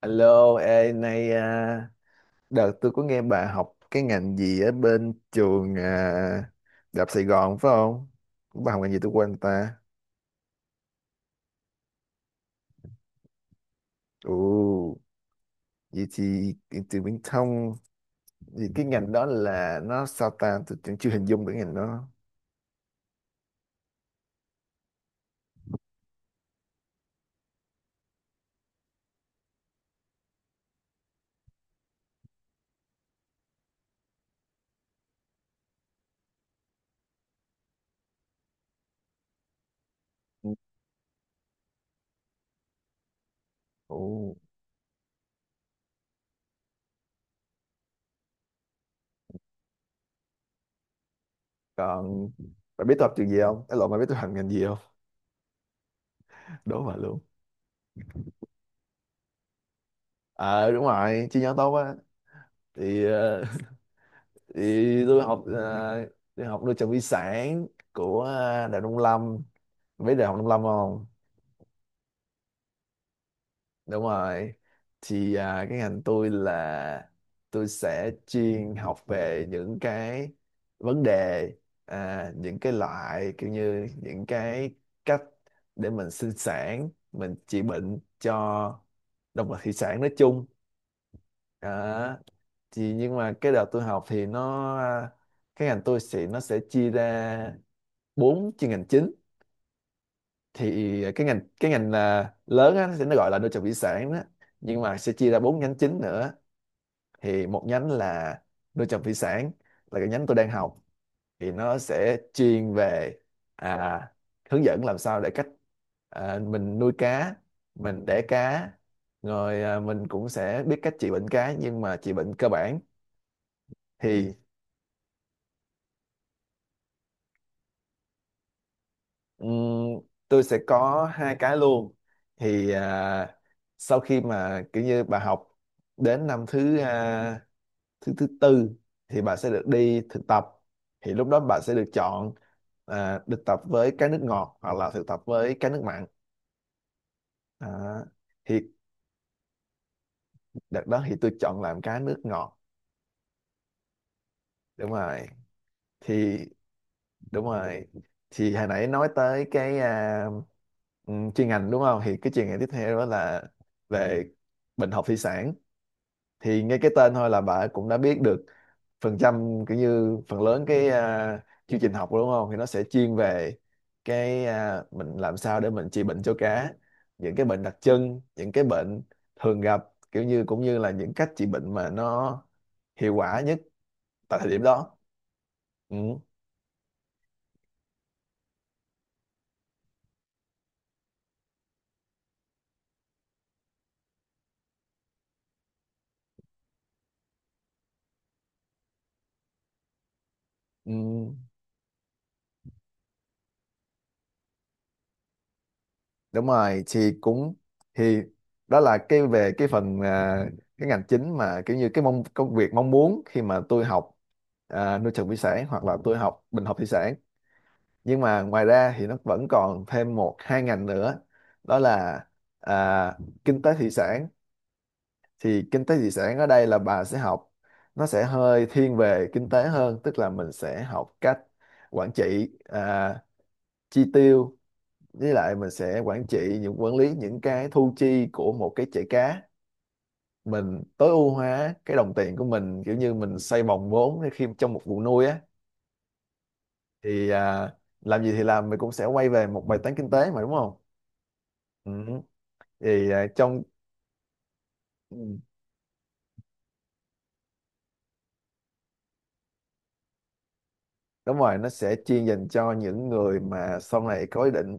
Alo, ê, nay đợt tôi có nghe bà học cái ngành gì ở bên trường Đại học Sài Gòn phải không? Bà học ngành gì tôi quên ta. Ồ, vậy thì từ Viễn thông, thì cái ngành đó là nó sao ta, tôi cũng chưa hình dung được ngành đó. Ồ, còn bà biết tôi học trường gì không? Cái lộn bà biết tôi học ngành gì không? Đố bà luôn. Ờ đúng rồi, chi nhánh tốt á. Thì, thì tôi học tôi học nuôi trồng thủy sản của Đại Nông Lâm, biết đại học Nông Lâm không? Đúng rồi. Thì cái ngành tôi là tôi sẽ chuyên học về những cái vấn đề, những cái loại kiểu như những cái cách để mình sinh sản, mình trị bệnh cho động vật thủy sản nói chung. à, thì nhưng mà cái đợt tôi học thì cái ngành tôi sẽ, nó sẽ chia ra bốn chuyên ngành chính. Thì cái ngành lớn á, nó sẽ gọi là nuôi trồng thủy sản đó, nhưng mà sẽ chia ra bốn nhánh chính nữa. Thì một nhánh là nuôi trồng thủy sản, là cái nhánh tôi đang học. Thì nó sẽ chuyên về à, hướng dẫn làm sao để cách mình nuôi cá, mình đẻ cá, rồi mình cũng sẽ biết cách trị bệnh cá nhưng mà trị bệnh cơ bản. Thì Ừm, tôi sẽ có hai cái luôn. Thì sau khi mà kiểu như bà học đến năm thứ à, thứ thứ tư thì bà sẽ được đi thực tập, thì lúc đó bà sẽ được chọn được tập với cái nước ngọt hoặc là thực tập với cái nước mặn. à, thì đợt đó thì tôi chọn làm cái nước ngọt. Đúng rồi. Thì đúng rồi, thì hồi nãy nói tới cái chuyên ngành đúng không, thì cái chuyên ngành tiếp theo đó là về bệnh học thủy sản. Thì nghe cái tên thôi là bà cũng đã biết được phần trăm, kiểu như phần lớn cái chương trình học đúng không, thì nó sẽ chuyên về cái mình làm sao để mình trị bệnh cho cá, những cái bệnh đặc trưng, những cái bệnh thường gặp, kiểu như cũng như là những cách trị bệnh mà nó hiệu quả nhất tại thời điểm đó. Ừ, ừ. Đúng rồi thì cũng, thì đó là cái về cái phần cái ngành chính mà kiểu như cái mong công việc mong muốn khi mà tôi học nuôi trồng thủy sản hoặc là tôi học bình học thủy sản. Nhưng mà ngoài ra thì nó vẫn còn thêm một hai ngành nữa. Đó là à, kinh tế thủy sản. Thì kinh tế thủy sản ở đây là bà sẽ học, nó sẽ hơi thiên về kinh tế hơn, tức là mình sẽ học cách quản trị chi tiêu, với lại mình sẽ quản lý những cái thu chi của một cái chảy cá. Mình tối ưu hóa cái đồng tiền của mình, kiểu như mình xây vòng vốn khi trong một vụ nuôi á. Thì làm gì thì làm mình cũng sẽ quay về một bài toán kinh tế mà đúng không. Ừ. Thì trong ừ, đúng rồi, nó sẽ chuyên dành cho những người mà sau này có ý định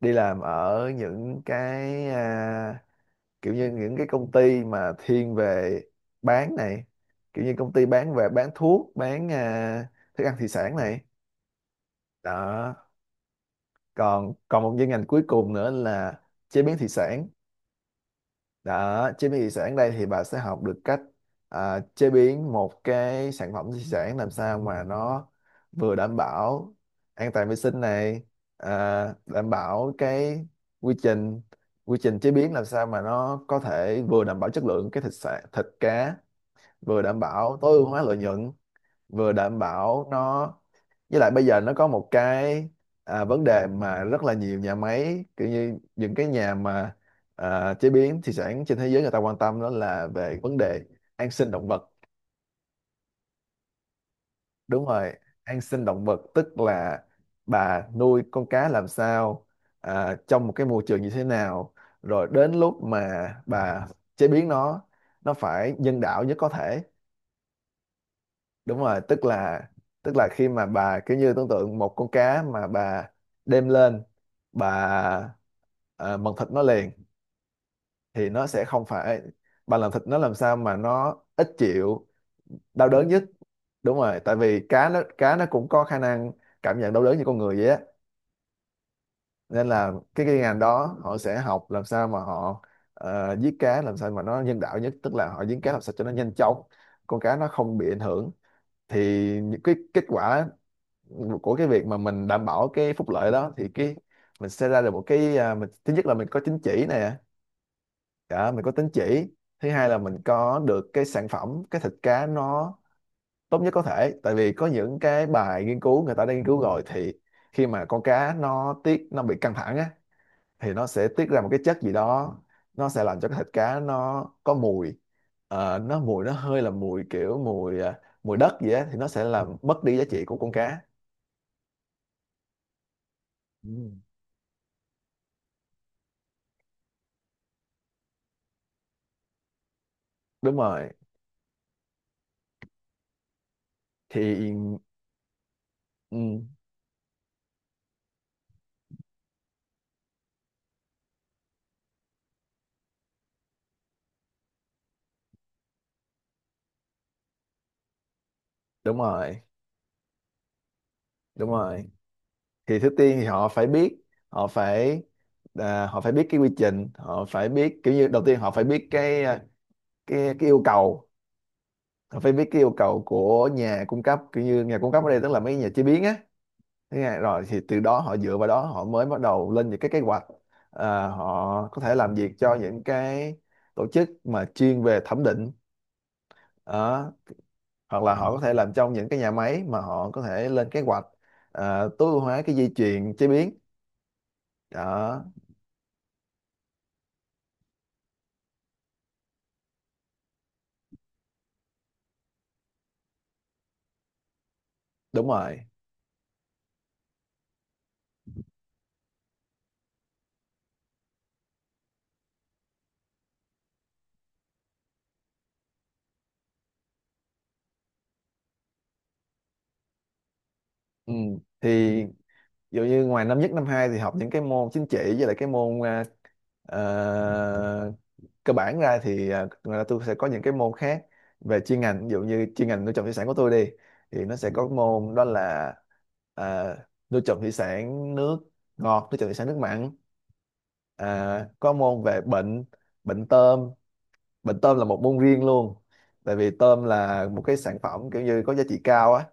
đi làm ở những cái kiểu như những cái công ty mà thiên về bán này, kiểu như công ty bán về bán thuốc bán thức ăn thủy sản này. Đó, còn còn một chuyên ngành cuối cùng nữa là chế biến thủy sản. Đó, chế biến thủy sản đây thì bà sẽ học được cách chế biến một cái sản phẩm thủy sản làm sao mà nó vừa đảm bảo an toàn vệ sinh này, đảm bảo cái quy trình quy trình chế biến làm sao mà nó có thể vừa đảm bảo chất lượng cái thịt sản thịt cá, vừa đảm bảo tối ưu hóa lợi nhuận, vừa đảm bảo nó, với lại bây giờ nó có một cái vấn đề mà rất là nhiều nhà máy, kiểu như những cái nhà mà chế biến thủy sản trên thế giới người ta quan tâm, đó là về vấn đề an sinh động vật. Đúng rồi, an sinh động vật tức là bà nuôi con cá làm sao trong một cái môi trường như thế nào, rồi đến lúc mà bà chế biến nó phải nhân đạo nhất có thể. Đúng rồi, tức là khi mà bà kiểu như tưởng tượng một con cá mà bà đem lên, bà mần thịt nó liền thì nó sẽ không phải, bà làm thịt nó làm sao mà nó ít chịu đau đớn nhất. Đúng rồi, tại vì cá nó cũng có khả năng cảm nhận đau đớn như con người vậy á. Nên là cái ngành đó họ sẽ học làm sao mà họ giết cá làm sao mà nó nhân đạo nhất, tức là họ giết cá làm sao cho nó nhanh chóng, con cá nó không bị ảnh hưởng. Thì những cái kết quả của cái việc mà mình đảm bảo cái phúc lợi đó thì cái mình sẽ ra được một cái mình thứ nhất là mình có tín chỉ nè. Đó, mình có tín chỉ. Thứ hai là mình có được cái sản phẩm, cái thịt cá nó tốt nhất có thể. Tại vì có những cái bài nghiên cứu người ta đã nghiên cứu rồi thì khi mà con cá nó tiết, nó bị căng thẳng á thì nó sẽ tiết ra một cái chất gì đó, nó sẽ làm cho cái thịt cá nó có mùi. Ờ, nó mùi nó hơi là mùi kiểu mùi mùi đất gì á, thì nó sẽ làm mất đi giá trị của con cá. Ừ. Đúng rồi. Thì ừ, đúng rồi. Đúng rồi, thì thứ tiên thì họ phải biết, họ phải họ phải biết cái quy trình, họ phải biết kiểu như đầu tiên họ phải biết cái cái yêu cầu, họ phải biết cái yêu cầu của nhà cung cấp, kiểu như nhà cung cấp ở đây tức là mấy nhà chế biến á. Thế nghe, rồi thì từ đó họ dựa vào đó họ mới bắt đầu lên những cái kế hoạch. Họ có thể làm việc cho những cái tổ chức mà chuyên về thẩm định. Đó, hoặc là họ có thể làm trong những cái nhà máy mà họ có thể lên kế hoạch tối ưu hóa cái dây chuyền chế biến. Đó. Đúng rồi. Ừ. Thì ví dụ như ngoài năm nhất năm hai thì học những cái môn chính trị với lại cái môn ờ, cơ bản ra thì ngoài ra tôi sẽ có những cái môn khác về chuyên ngành, ví dụ như chuyên ngành nuôi trồng thủy sản của tôi đi. Thì nó sẽ có môn đó là ờ, nuôi trồng thủy sản nước ngọt, nuôi trồng thủy sản nước mặn, có môn về bệnh, bệnh tôm. Bệnh tôm là một môn riêng luôn, tại vì tôm là một cái sản phẩm kiểu như có giá trị cao á.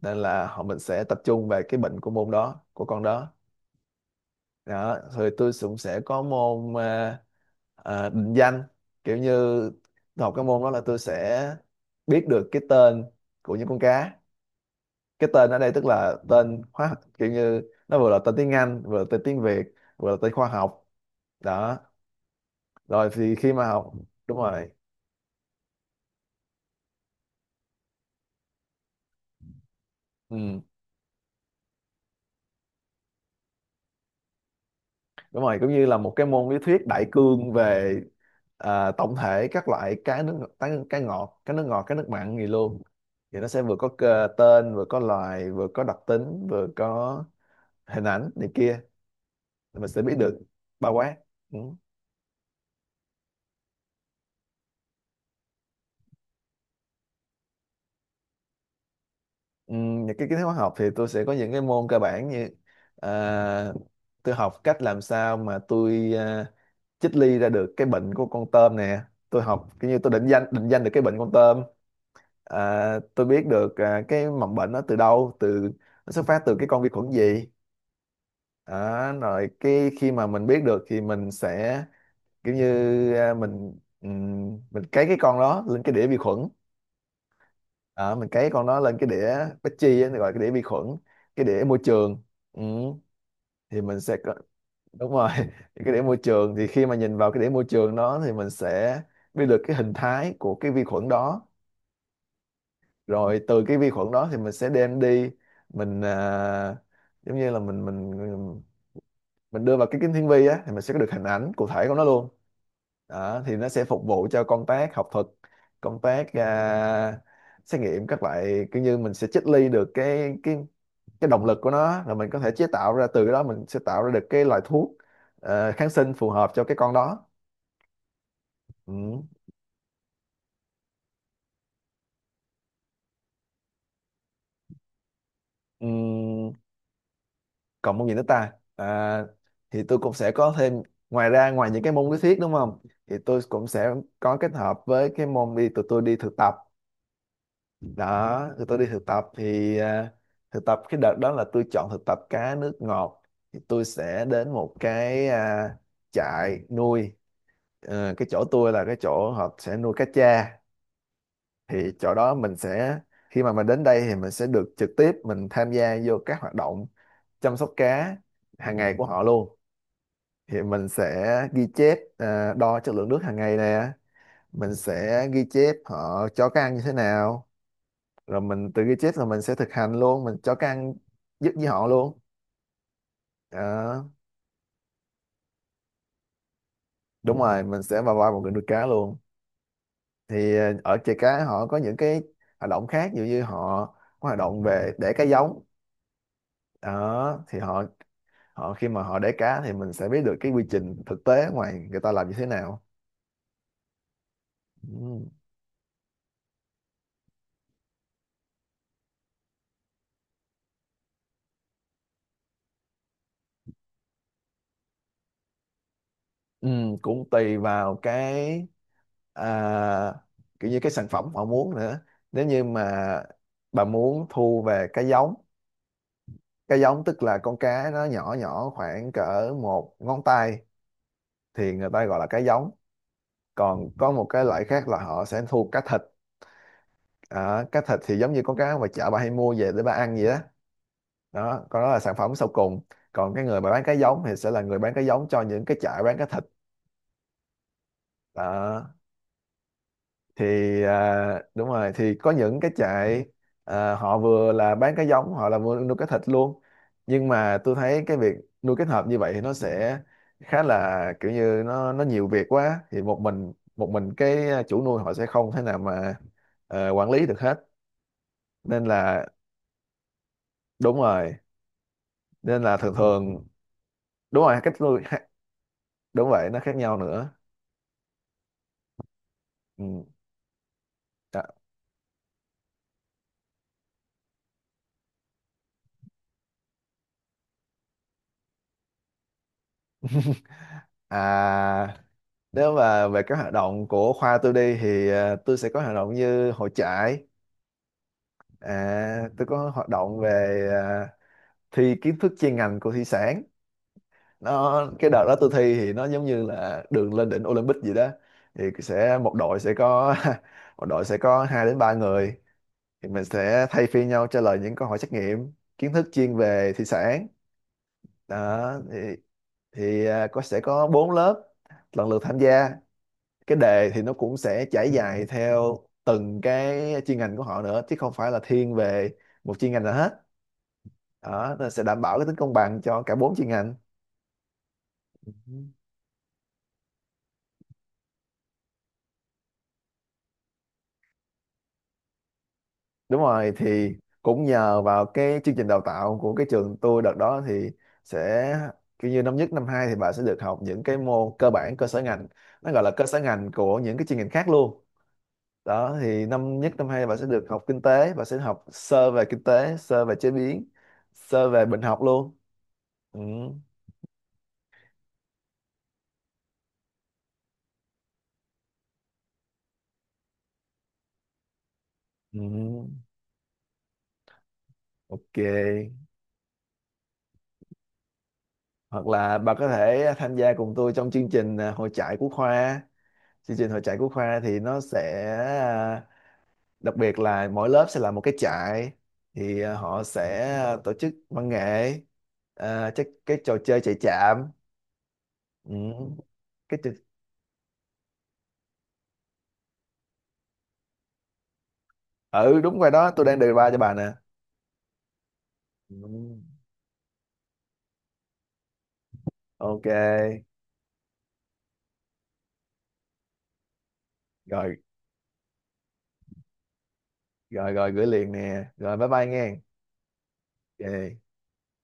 Nên là mình sẽ tập trung về cái bệnh của môn đó của con đó. Đó, rồi tôi cũng sẽ có môn định danh. Kiểu như tôi học cái môn đó là tôi sẽ biết được cái tên của những con cá. Cái tên ở đây tức là tên hóa học, kiểu như nó vừa là tên tiếng Anh, vừa là tên tiếng Việt, vừa là tên khoa học. Đó, rồi thì khi mà học, đúng rồi. Ừ. Đúng rồi, cũng như là một cái môn lý thuyết đại cương về tổng thể các loại cá ngọt, cá nước ngọt, cá nước mặn gì luôn. Thì nó sẽ vừa có cơ- tên, vừa có loài, vừa có đặc tính, vừa có hình ảnh này kia. Thì mình sẽ biết được bao quát. Ừ. Ừ, những cái kiến thức hóa học thì tôi sẽ có những cái môn cơ bản như à, tôi học cách làm sao mà tôi chích ly ra được cái bệnh của con tôm nè. Tôi học kiểu như tôi định danh được cái bệnh con tôm. À, tôi biết được cái mầm bệnh nó từ đâu, từ, nó xuất phát từ cái con vi khuẩn gì. Đó, rồi cái khi mà mình biết được thì mình sẽ kiểu như à, mình ừm, mình cấy cái con đó lên cái đĩa vi khuẩn. Đó, mình cấy con đó lên cái đĩa Petri á, gọi là cái đĩa vi khuẩn, cái đĩa môi trường. Ừ, thì đúng rồi, thì cái đĩa môi trường thì khi mà nhìn vào cái đĩa môi trường đó thì mình sẽ biết được cái hình thái của cái vi khuẩn đó, rồi từ cái vi khuẩn đó thì mình sẽ đem đi, mình à, giống như là mình mình đưa vào cái kính hiển vi á, thì mình sẽ có được hình ảnh cụ thể của nó luôn. Đó, thì nó sẽ phục vụ cho công tác học thuật, công tác à, xét nghiệm các loại, kiểu như mình sẽ triết ly được cái cái động lực của nó, rồi mình có thể chế tạo ra, từ cái đó mình sẽ tạo ra được cái loại thuốc kháng sinh phù hợp cho cái con đó. Ừ. Ừ. Còn môn gì nữa ta, thì tôi cũng sẽ có thêm, ngoài ra ngoài những cái môn lý thuyết đúng không, thì tôi cũng sẽ có kết hợp với cái môn đi, tụi tôi đi thực tập. Đó, tụi tôi đi thực tập thì thực tập cái đợt đó là tôi chọn thực tập cá nước ngọt, thì tôi sẽ đến một cái, trại nuôi. Ờ, cái chỗ tôi là cái chỗ họ sẽ nuôi cá tra, thì chỗ đó mình sẽ, khi mà mình đến đây thì mình sẽ được trực tiếp mình tham gia vô các hoạt động chăm sóc cá hàng ngày của họ luôn. Thì mình sẽ ghi chép đo chất lượng nước hàng ngày nè, mình sẽ ghi chép họ cho cái ăn như thế nào, rồi mình tự ghi chép rồi mình sẽ thực hành luôn, mình cho cái ăn giúp với họ luôn. Đó. Đúng rồi, mình sẽ vào vai một người nuôi cá luôn. Thì à, ở chợ cá họ có những cái hoạt động khác, ví dụ như họ có hoạt động về đẻ cá giống. Đó thì họ, họ khi mà họ đẻ cá thì mình sẽ biết được cái quy trình thực tế ở ngoài người ta làm như thế nào. Ừ. Ừ, cũng tùy vào cái, à, kiểu như cái sản phẩm họ muốn nữa. Nếu như mà bà muốn thu về cái giống, cái giống tức là con cá nó nhỏ nhỏ khoảng cỡ một ngón tay, thì người ta gọi là cá giống. Còn có một cái loại khác là họ sẽ thu cá thịt. À, cá thịt thì giống như con cá mà chợ bà hay mua về để bà ăn vậy đó. Đó, còn đó là sản phẩm sau cùng. Còn cái người mà bán cái giống thì sẽ là người bán cái giống cho những cái chợ bán cái thịt. Đó thì đúng rồi, thì có những cái trại họ vừa là bán cái giống, họ là vừa nuôi cái thịt luôn. Nhưng mà tôi thấy cái việc nuôi kết hợp như vậy thì nó sẽ khá là, kiểu như nó nhiều việc quá, thì một mình cái chủ nuôi họ sẽ không thể nào mà quản lý được hết. Nên là đúng rồi, nên là thường thường đúng rồi, cách nuôi đúng vậy, nó khác nhau nữa. Ừ. Đó. À, nếu mà về các hoạt động của khoa tôi đi, thì ờ, tôi sẽ có hoạt động như hội trại. À, tôi có hoạt động về thi kiến thức chuyên ngành của thủy sản. Nó cái đợt đó tôi thi thì nó giống như là đường lên đỉnh Olympic gì đó. Thì sẽ một đội sẽ có một đội sẽ có hai đến ba người, thì mình sẽ thay phiên nhau trả lời những câu hỏi trắc nghiệm kiến thức chuyên về thủy sản. Đó thì có sẽ có bốn lớp lần lượt tham gia. Cái đề thì nó cũng sẽ trải dài theo từng cái chuyên ngành của họ nữa, chứ không phải là thiên về một chuyên ngành nào hết. Đó, nó sẽ đảm bảo cái tính công bằng cho cả bốn chuyên ngành. Đúng rồi, thì cũng nhờ vào cái chương trình đào tạo của cái trường tôi đợt đó, thì sẽ kiểu như năm nhất năm hai thì bà sẽ được học những cái môn cơ bản cơ sở ngành, nó gọi là cơ sở ngành của những cái chuyên ngành khác luôn. Đó thì năm nhất năm hai bà sẽ được học kinh tế, bà sẽ học sơ về kinh tế, sơ về chế biến, sơ về bệnh học luôn. Ừ. Ừ. Ok, hoặc là bà có thể tham gia cùng tôi trong chương trình hội trại của khoa. Chương trình hội trại của khoa thì nó sẽ đặc biệt là mỗi lớp sẽ là một cái trại, thì họ sẽ tổ chức văn nghệ, chắc cái trò chơi chạy chạm. Ừ. cái trò- ừ đúng rồi đó, tôi đang đề ba cho bà nè. Ừ. Ok, rồi rồi rồi gửi liền nè, rồi bye bye nghe. Ok.